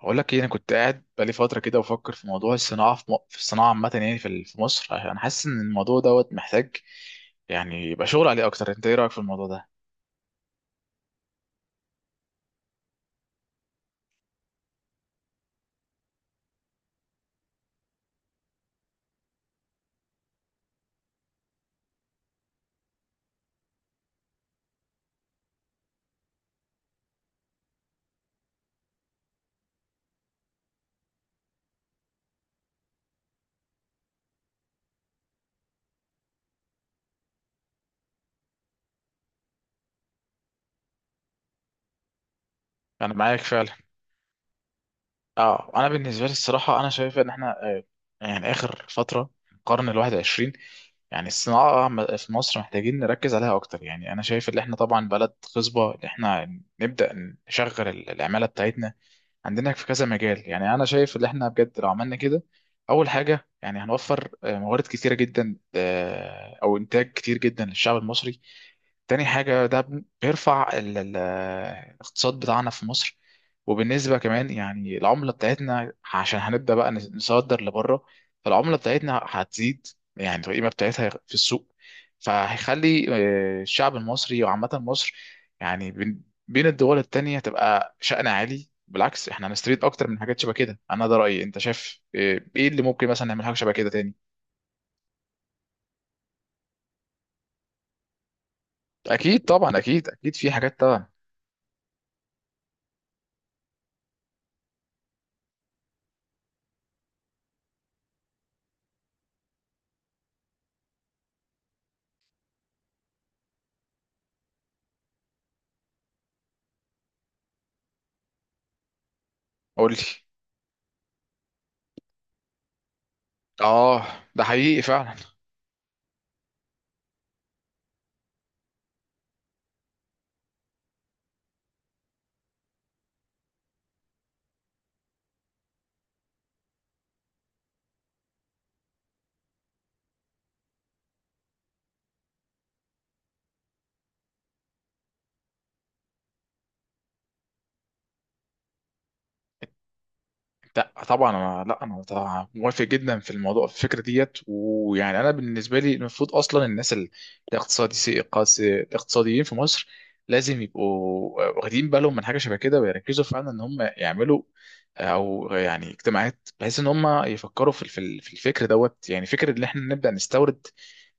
هقول لك ايه. انا كنت قاعد بقالي فتره كده بفكر في موضوع الصناعه في الصناعه عامه، يعني في مصر. انا حاسس ان الموضوع دوت محتاج يعني يبقى شغل عليه اكتر. انت ايه رايك في الموضوع ده؟ انا معاك فعلا. اه، انا بالنسبه لي الصراحه انا شايف ان احنا يعني اخر فتره القرن 21، يعني الصناعه في مصر محتاجين نركز عليها اكتر. يعني انا شايف ان احنا طبعا بلد خصبه، ان احنا نبدا نشغل العماله بتاعتنا. عندنا في كذا مجال. يعني انا شايف ان احنا بجد لو عملنا كده، اول حاجه يعني هنوفر موارد كتيره جدا، او انتاج كتير جدا للشعب المصري. تاني حاجه ده بيرفع الاقتصاد بتاعنا في مصر. وبالنسبه كمان يعني العمله بتاعتنا، عشان هنبدا بقى نصدر لبره، فالعمله بتاعتنا هتزيد يعني القيمه بتاعتها في السوق. فهيخلي الشعب المصري وعامه مصر يعني بين بين الدول التانية تبقى شأن عالي. بالعكس احنا هنستفيد اكتر من حاجات شبه كده. انا ده رايي، انت شايف ايه؟ إيه اللي ممكن مثلا نعمل حاجه شبه كده تاني؟ اكيد طبعا، اكيد في حاجات طبعا. قول لي. اه، ده حقيقي فعلا. لا طبعا، انا لا انا طبعاً موافق جدا في الموضوع، في الفكره ديت. ويعني انا بالنسبه لي المفروض اصلا الناس الاقتصادي، الاقتصاديين في مصر لازم يبقوا واخدين بالهم من حاجه شبه كده، ويركزوا فعلا ان هم يعملوا او يعني اجتماعات بحيث ان هم يفكروا في الفكر دوت. يعني فكره ان احنا نبدا نستورد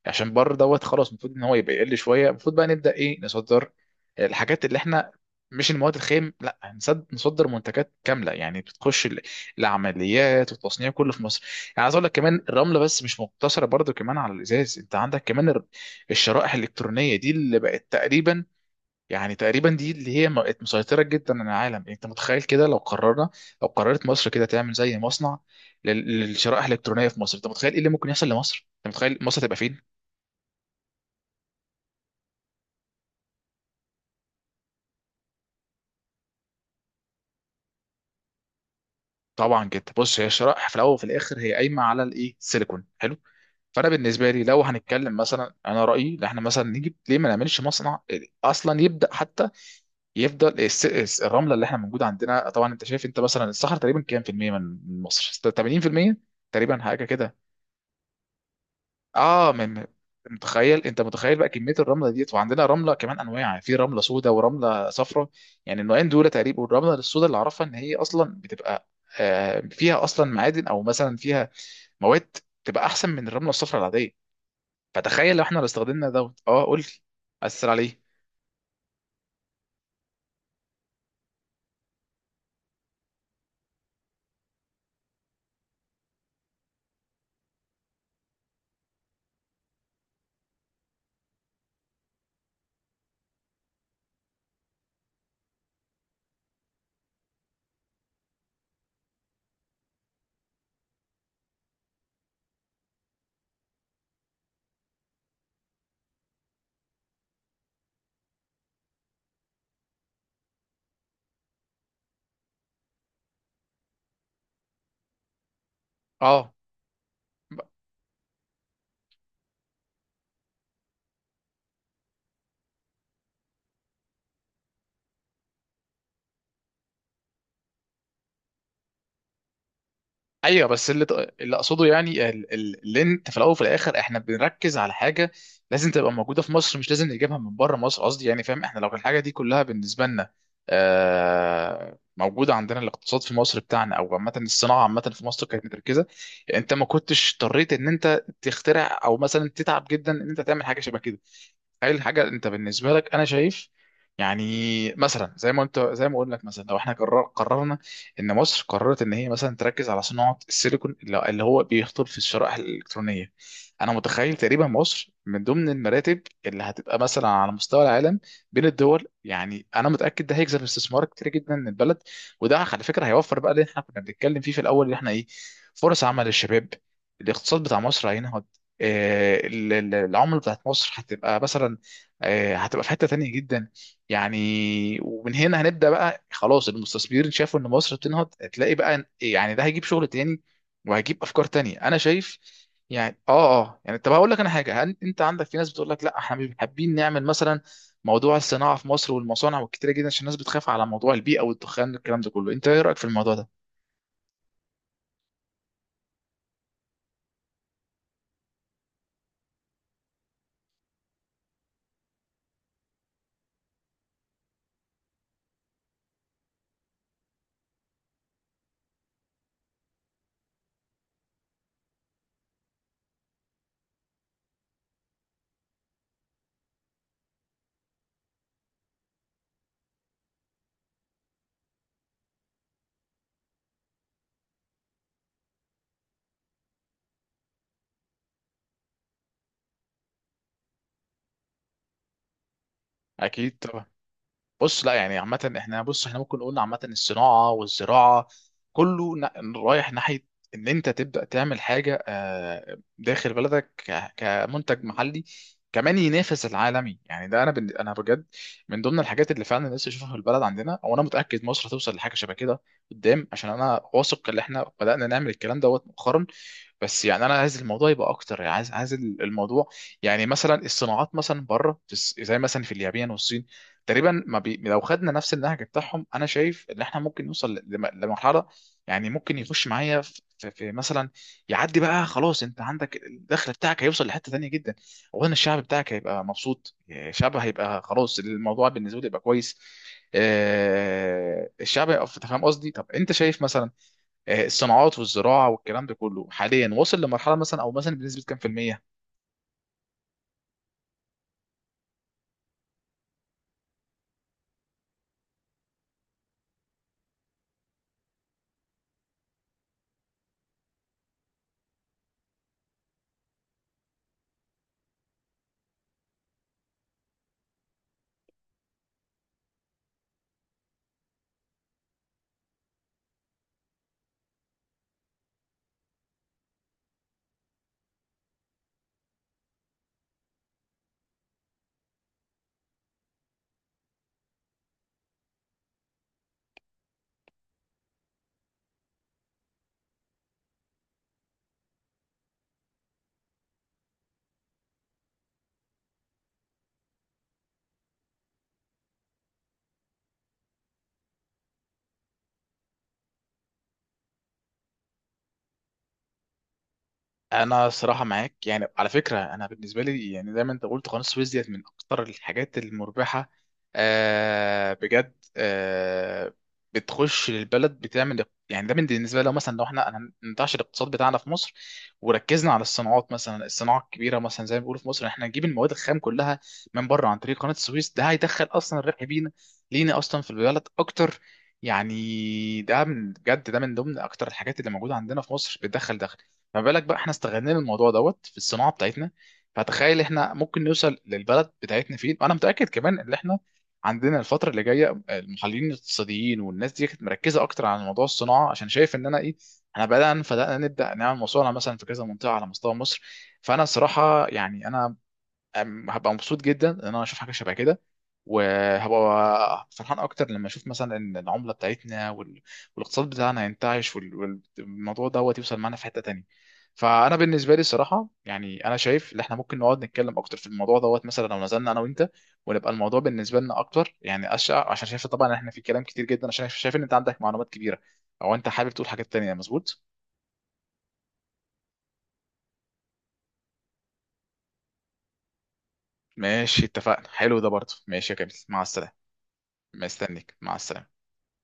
عشان بره دوت خلاص، المفروض ان هو يبقى يقل شويه. المفروض بقى نبدا ايه، نصدر الحاجات اللي احنا، مش المواد الخام، لا، نصدر منتجات كامله، يعني بتخش العمليات والتصنيع كله في مصر. يعني عايز اقول لك كمان الرمله بس مش مقتصره برضو كمان على الازاز، انت عندك كمان الشرائح الالكترونيه دي اللي بقت تقريبا، يعني تقريبا دي اللي هي بقت مسيطره جدا على العالم. يعني انت متخيل كده لو قررنا، لو قررت مصر كده تعمل زي مصنع للشرائح الالكترونيه في مصر، انت متخيل ايه اللي ممكن يحصل لمصر؟ انت متخيل مصر تبقى فين؟ طبعا جدا. بص، هي الشرائح في الاول وفي الاخر هي قايمه على الايه، السيليكون. حلو. فانا بالنسبه لي لو هنتكلم مثلا، انا رايي ان احنا مثلا نجيب، ليه ما نعملش مصنع اصلا يبدا حتى يفضل الرمله اللي احنا موجوده عندنا. طبعا انت شايف، انت مثلا الصحراء تقريبا كام في الميه من من مصر؟ 80% تقريبا، حاجه كده. اه، من متخيل، انت متخيل بقى كميه الرمله ديت؟ وعندنا رمله كمان انواع، في رمله سوداء ورمله صفراء. يعني النوعين دول تقريبا، والرمله السوداء اللي اعرفها ان هي اصلا بتبقى فيها اصلا معادن، او مثلا فيها مواد تبقى احسن من الرمله الصفراء العاديه. فتخيل لو احنا لو استخدمنا دوت. اه قول لي. اثر عليه. اه، ايوه. بس اللي اللي اقصده يعني اللي انت في الاول وفي الاخر احنا بنركز على حاجه لازم تبقى موجوده في مصر، مش لازم نجيبها من بره مصر، قصدي يعني فاهم؟ احنا لو الحاجه دي كلها بالنسبه لنا موجوده عندنا، الاقتصاد في مصر بتاعنا او عامه الصناعه عامه في مصر كانت متركزه، انت ما كنتش اضطريت ان انت تخترع او مثلا تتعب جدا ان انت تعمل حاجه شبه كده. ايه الحاجه انت بالنسبه لك؟ انا شايف يعني، مثلا زي ما انت، زي ما اقول لك مثلا لو احنا قررنا، ان مصر قررت ان هي مثلا تركز على صناعه السيليكون اللي اللي هو بيخطر في الشرائح الالكترونيه، انا متخيل تقريبا مصر من ضمن المراتب اللي هتبقى مثلا على مستوى العالم بين الدول. يعني انا متاكد ده هيجذب استثمار كتير جدا من البلد، وده على فكره هيوفر بقى اللي احنا كنا بنتكلم فيه في الاول، اللي احنا ايه، فرص عمل للشباب. الاقتصاد بتاع مصر هينهض، العمله بتاعت مصر هتبقى مثلا هتبقى في حتة تانية جدا يعني. ومن هنا هنبدأ بقى خلاص، المستثمرين شافوا ان مصر بتنهض، هتلاقي بقى يعني ده هيجيب شغل تاني، وهيجيب افكار تانية، انا شايف يعني. اه يعني طب هقول لك انا حاجة، انت عندك في ناس بتقول لك لا احنا مش حابين نعمل مثلا موضوع الصناعة في مصر والمصانع والكتيرة جدا، عشان الناس بتخاف على موضوع البيئة والدخان والكلام ده كله. انت ايه رأيك في الموضوع ده؟ اكيد طبعا. بص، لا يعني عامة احنا، بص احنا ممكن نقول عامة الصناعة والزراعة كله رايح ناحية ان انت تبدأ تعمل حاجة داخل بلدك كمنتج محلي كمان ينافس العالمي. يعني ده انا انا بجد من ضمن الحاجات اللي فعلا لسه اشوفها في البلد عندنا، وانا متأكد مصر هتوصل لحاجة شبه كده قدام، عشان انا واثق ان احنا بدأنا نعمل الكلام دوت مؤخرا. بس يعني انا عايز الموضوع يبقى اكتر، يعني عايز الموضوع يعني مثلا الصناعات مثلا بره زي مثلا في اليابان والصين تقريبا. ما بي... لو خدنا نفس النهج بتاعهم انا شايف ان احنا ممكن نوصل لمرحله يعني ممكن يخش معايا في, في في مثلا يعدي بقى خلاص. انت عندك الدخل بتاعك هيوصل لحته تانيه جدا. اولا الشعب بتاعك هيبقى مبسوط، الشعب هيبقى خلاص الموضوع بالنسبه له يبقى كويس. أنت فاهم قصدي؟ طب انت شايف مثلا الصناعات والزراعه والكلام ده كله حاليا وصل لمرحله مثلا، او مثلا بنسبه كام في الميه؟ انا صراحه معاك، يعني على فكره انا بالنسبه لي يعني زي ما انت قلت قناه السويس ديت من اكتر الحاجات المربحه، آه بجد آه، بتخش للبلد بتعمل. يعني ده من بالنسبه لو مثلا لو احنا ننتعش الاقتصاد بتاعنا في مصر وركزنا على الصناعات، مثلا الصناعه الكبيره مثلا زي ما بيقولوا في مصر احنا نجيب المواد الخام كلها من بره عن طريق قناه السويس، ده هيدخل اصلا الربح لينا اصلا في البلد اكتر. يعني ده من بجد ده من ضمن اكتر الحاجات اللي موجوده عندنا في مصر بتدخل دخل. فما بالك بقى احنا استغلينا الموضوع دوت في الصناعه بتاعتنا؟ فتخيل احنا ممكن نوصل للبلد بتاعتنا فين. وانا متاكد كمان ان احنا عندنا الفتره اللي جايه المحللين الاقتصاديين والناس دي كانت مركزه اكتر على موضوع الصناعه، عشان شايف ان انا ايه، احنا بدانا نبدا نعمل مصانع مثلا في كذا منطقه على مستوى مصر. فانا الصراحه يعني انا هبقى مبسوط جدا ان انا اشوف حاجه شبه كده، وهبقى فرحان اكتر لما اشوف مثلا ان العمله بتاعتنا والاقتصاد بتاعنا ينتعش والموضوع دوت يوصل معانا في حته تانية. فانا بالنسبه لي الصراحه يعني انا شايف ان احنا ممكن نقعد نتكلم اكتر في الموضوع دوت، مثلا لو نزلنا انا وانت ونبقى الموضوع بالنسبه لنا اكتر يعني. عشان شايف طبعا إن احنا في كلام كتير جدا، عشان شايف ان انت عندك معلومات كبيره، او انت حابب تقول حاجات تانية. مظبوط، ماشي اتفقنا. حلو ده برضه، ماشي يا كامل، مع السلامه. مستنيك، مع السلامه.